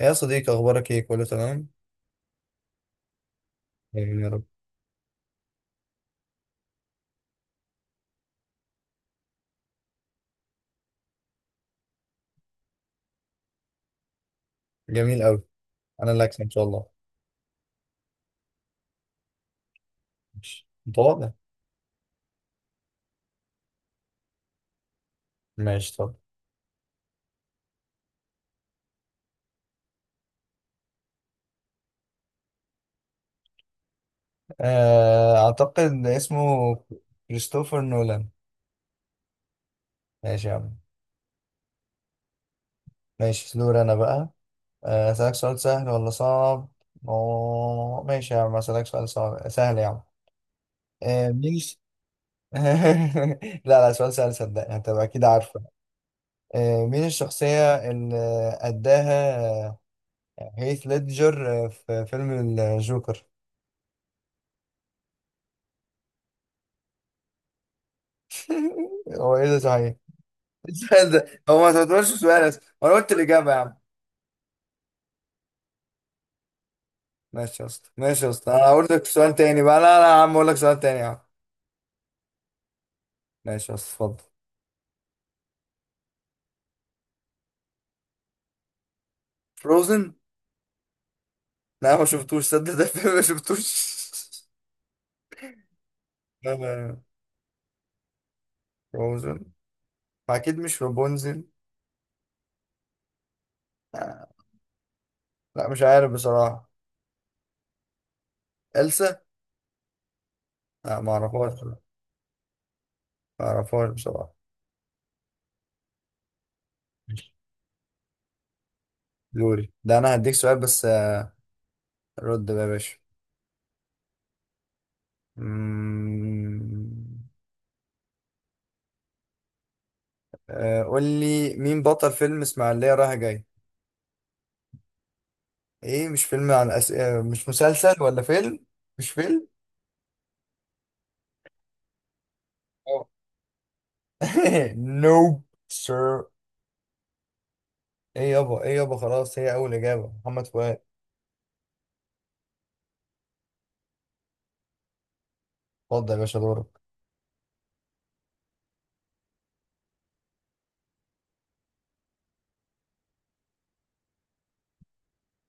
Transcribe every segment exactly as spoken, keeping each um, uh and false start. يا صديقي اخبارك ايه؟ كله تمام. جميل يا رب. جميل قوي. انا اللي اكسب ان شاء الله. ماشي متواضع. ماشي طب. آه، اعتقد اسمه كريستوفر نولان. ماشي يا عم. ماشي دور انا بقى. آه، اسالك سؤال سهل ولا صعب؟ أوه، ماشي يا عم اسالك سؤال صعب سهل يا عم. آه، مين الش- لا لا، سؤال سهل صدقني هتبقى اكيد عارفه. آه، مين الشخصية اللي أداها آه، هيث ليدجر آه، في فيلم الجوكر؟ هو ايه ده صحيح؟ ده هو ما تعتبرش سؤال أصلاً. وانا قلت الاجابه يا عم. ماشي يا اسطى ماشي يا اسطى، انا هقول لك سؤال تاني بقى، لا لا يا عم، اقول لك سؤال تاني يا عم. ماشي يا اسطى اتفضل. فروزن. لا ما شفتوش، صدق ده الفيلم ما شفتوش. لا لا. فروزن. اكيد مش رابونزل. آه، لا مش عارف بصراحه. إلسا. لا ما اعرفهاش، ما اعرفهاش بصراحه. دوري ده، انا هديك سؤال بس آه، رد بقى يا باشا. مم. آه، قول لي مين بطل فيلم اسماعيلية رايح جاي؟ ايه؟ مش فيلم عن أس... آه، مش مسلسل ولا فيلم؟ مش فيلم. اه. نوب. سير. ايه يابا ايه يابا، خلاص هي اول اجابة، محمد فؤاد. اتفضل يا باشا دورك.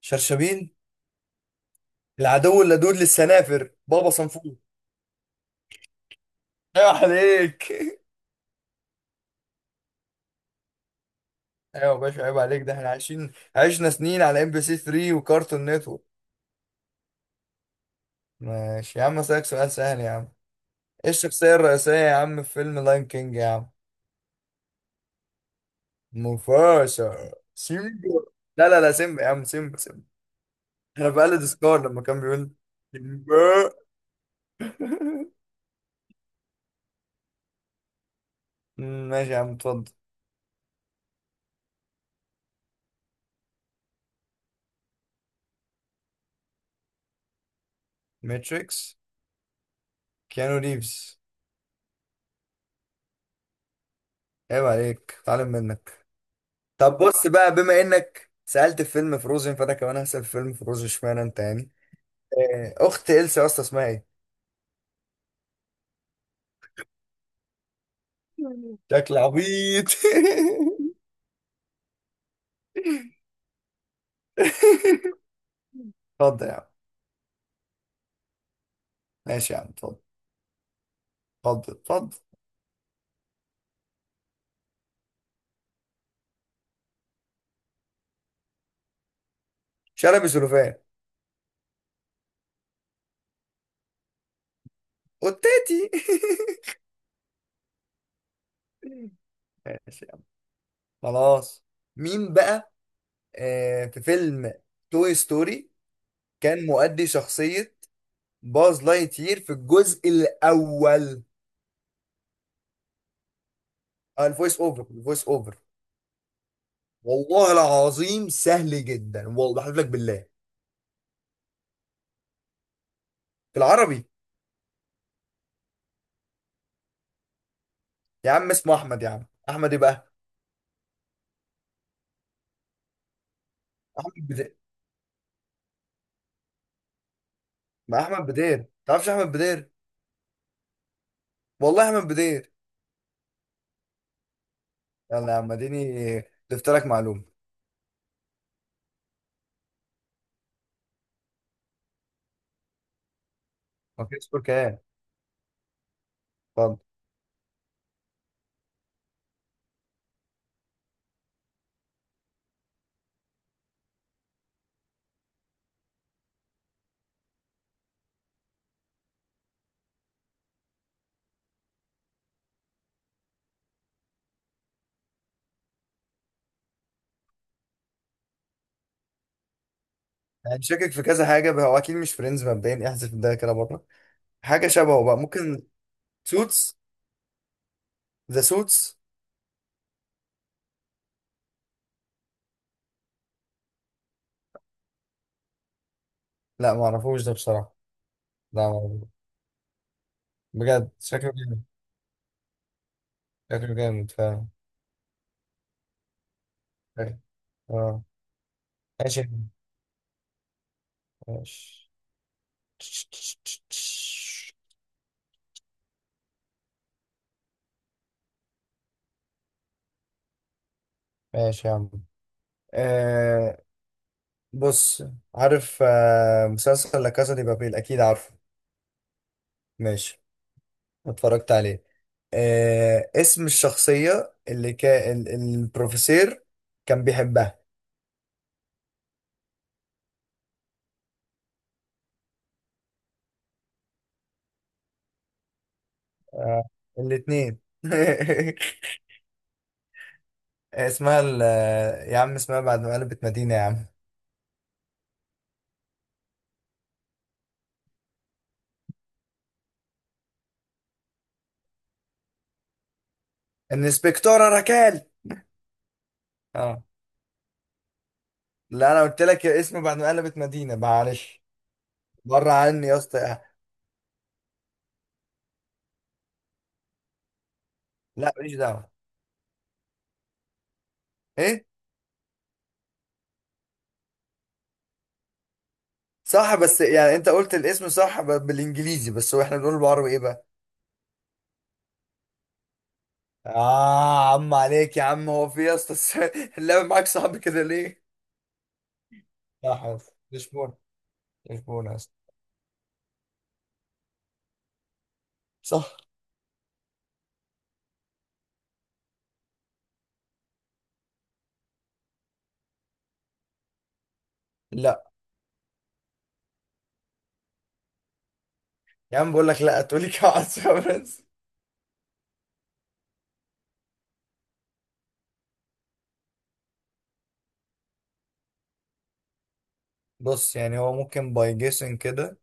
شرشبيل؟ العدو اللدود للسنافر، بابا صنفور. ايوه عليك ايوه. يا باشا عيب عليك، ده احنا عايشين عشنا سنين على ام بي سي ثري وكارتون نتورك. ماشي يا عم اسالك سؤال سهل يا عم. ايه الشخصية الرئيسية يا عم في فيلم لاين كينج يا عم؟ موفاشا سيمبا. لا لا لا سيمبا يا عم، سيمبا سيمبا. انا بقلد سكار لما كان بيقول سيمبا. أمم، ماشي يا عم اتفضل. ماتريكس. كيانو ريفز. عيب عليك، اتعلم منك. طب بص بقى، بما انك سألت في فيلم فروزن فانا كمان هسأل في فيلم فروزن، اشمعنى انت يعني. آه، اخت إلسا يا اسطى اسمها ايه؟ شكل عبيط. اتفضل يا عم. ماشي يا عم اتفضل اتفضل اتفضل. شلبي سلوفان. وتاتي. ماشي يا عم. خلاص. مين بقى آه في فيلم توي ستوري كان مؤدي شخصية باز لايتير في الجزء الأول؟ آه الفويس أوفر الفويس أوفر والله العظيم سهل جدا، والله بحلف لك بالله. في العربي. يا عم اسمه أحمد، يا عم أحمد إيه بقى؟ أحمد بدير. ما أحمد بدير، تعرفش أحمد بدير؟ والله أحمد بدير. يلا يا عم اديني، ضفت لك معلومة. ما فيش كلام. اتفضل. يعني شاكك في كذا حاجة بقى، هو أكيد مش فريندز مبدئيا، احذف ده كده بره. حاجة شبهه بقى ممكن. سوتس. ذا سوتس. لا ما اعرفوش ده بصراحة. لا معرفوش. بجد شكله جامد. شكله جامد فعلا. شكله- اه. ماشي يا عم. ماشي. ماشي يا عم. آه بص. عارف آه مسلسل لا كاسا دي بابيل أكيد؟ عارفه. ماشي. اتفرجت عليه. آه اسم الشخصية اللي كان ال- البروفيسور كان بيحبها. آه الاتنين. اسمها ال- يا عم اسمها بعد ما قلبت مدينة يا عم. الانسبكتورة ركال. اه. لا انا قلت لك يا اسم بعد ما قلبت مدينة، معلش. بره عني يا اسطى. لا ماليش دعوة. ايه. صح بس يعني انت قلت الاسم صح ب- بالانجليزي، بس هو احنا بنقول بالعربي ايه بقى. اه عم عليك يا عم، هو في يا اسطى الس- اللعب معاك صعب كده ليه؟ لا حاضر لشبونة. لشبونة أصلا. صح. لا يا عم، بقول لك لا تقولي كعس يا برنس. بص يعني هو ممكن باي جيسن كده،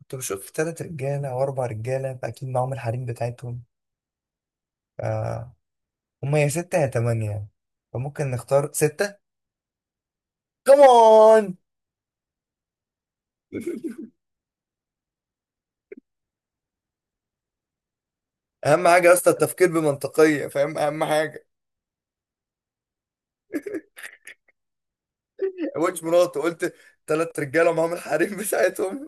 كنت بشوف تلات رجالة أو أربع رجالة فأكيد معاهم الحريم بتاعتهم. آه. هما يا ستة يا تمانية يعني. فممكن نختار ستة كمان. أهم حاجة يا اسطى التفكير بمنطقية، فاهم؟ أهم حاجة. قلتش مراته قلت؟ تلات رجالة معاهم الحريم بتاعتهم.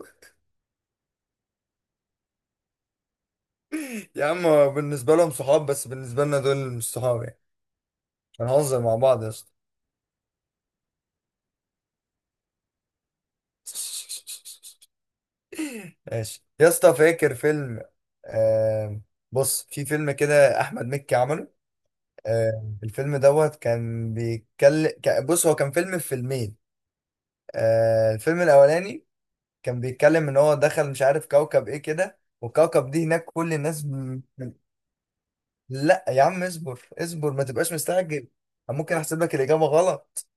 يا عم بالنسبة لهم صحاب، بس بالنسبة لنا دول مش صحاب يعني، هنهزر مع بعض يا اسطى. ماشي يا اسطى فاكر فيلم آه بص، في فيلم كده احمد مكي عمله. آه الفيلم دوت كان بيتكلم، بص هو كان فيلم في فيلمين. آه الفيلم الاولاني كان بيتكلم ان هو دخل مش عارف كوكب ايه كده، والكوكب دي هناك كل الناس م... لا يا عم اصبر اصبر ما تبقاش مستعجل. أنا ممكن احسب لك الاجابه غلط.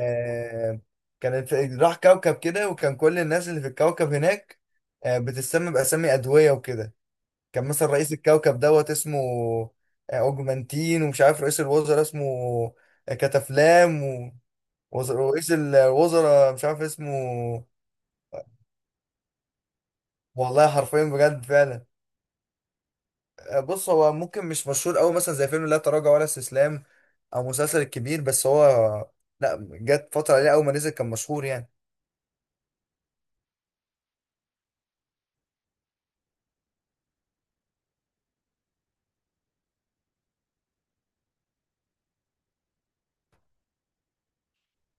آه، كانت راح كوكب كده، وكان كل الناس اللي في الكوكب هناك آه، بتسمى بأسامي أدوية وكده. كان مثلا رئيس الكوكب دوت اسمه آه، أوجمانتين، ومش عارف رئيس الوزراء اسمه آه، كتافلام و- وز- رئيس الوزراء مش عارف اسمه. والله حرفيا بجد فعلا. آه، بص هو ممكن مش مشهور أوي مثلا زي فيلم لا تراجع ولا استسلام، أو مسلسل الكبير، بس هو لا، جت فترة عليه أول ما نزل كان مشهور يعني.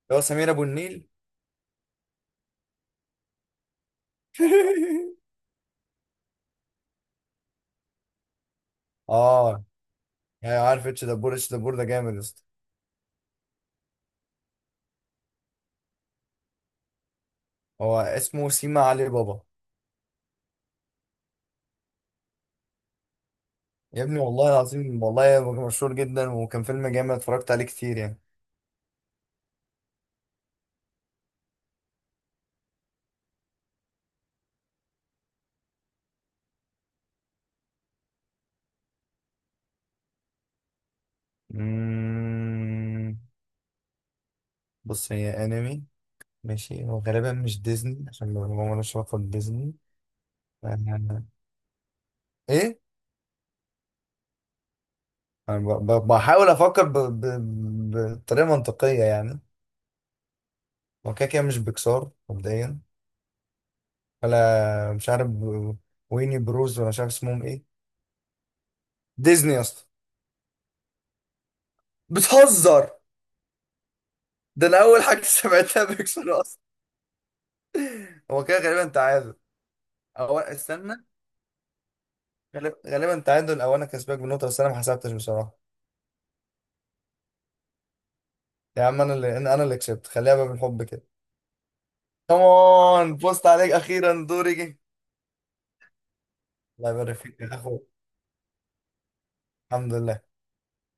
اللي هو سمير أبو النيل. اه. يعني عارف اتش دبور، اتش دبور ده جامد يا اسطى. هو اسمه سيما علي بابا. يا ابني والله العظيم، والله هو كان مشهور جدا وكان فيلم جامد اتفرجت عليه كتير يعني. مم، بص هي انمي. ماشي، هو غالبا مش ديزني عشان ما ما لهاش علاقه بديزني. أنا- ايه. انا ب- ب- بحاول افكر ب- ب- بطريقه منطقيه يعني. هو كده كده مش بيكسار مبدئيا. ولا مش عارف. ويني بروز، ولا مش عارف اسمهم ايه. ديزني يا اسطى. بتهزر. ده انا اول حاجه سمعتها بيكسر اصلا. هو كده غالبا تعادل. او استنى، غالب- غالبا تعادل او انا كسبك بنقطه، بس انا ما حسبتش بصراحه. يا عم انا اللي انا أنا اللي كسبت، خليها بقى بالحب كده. كمان بوست عليك، اخيرا دوري جه. الله يبارك فيك يا اخو. الحمد لله.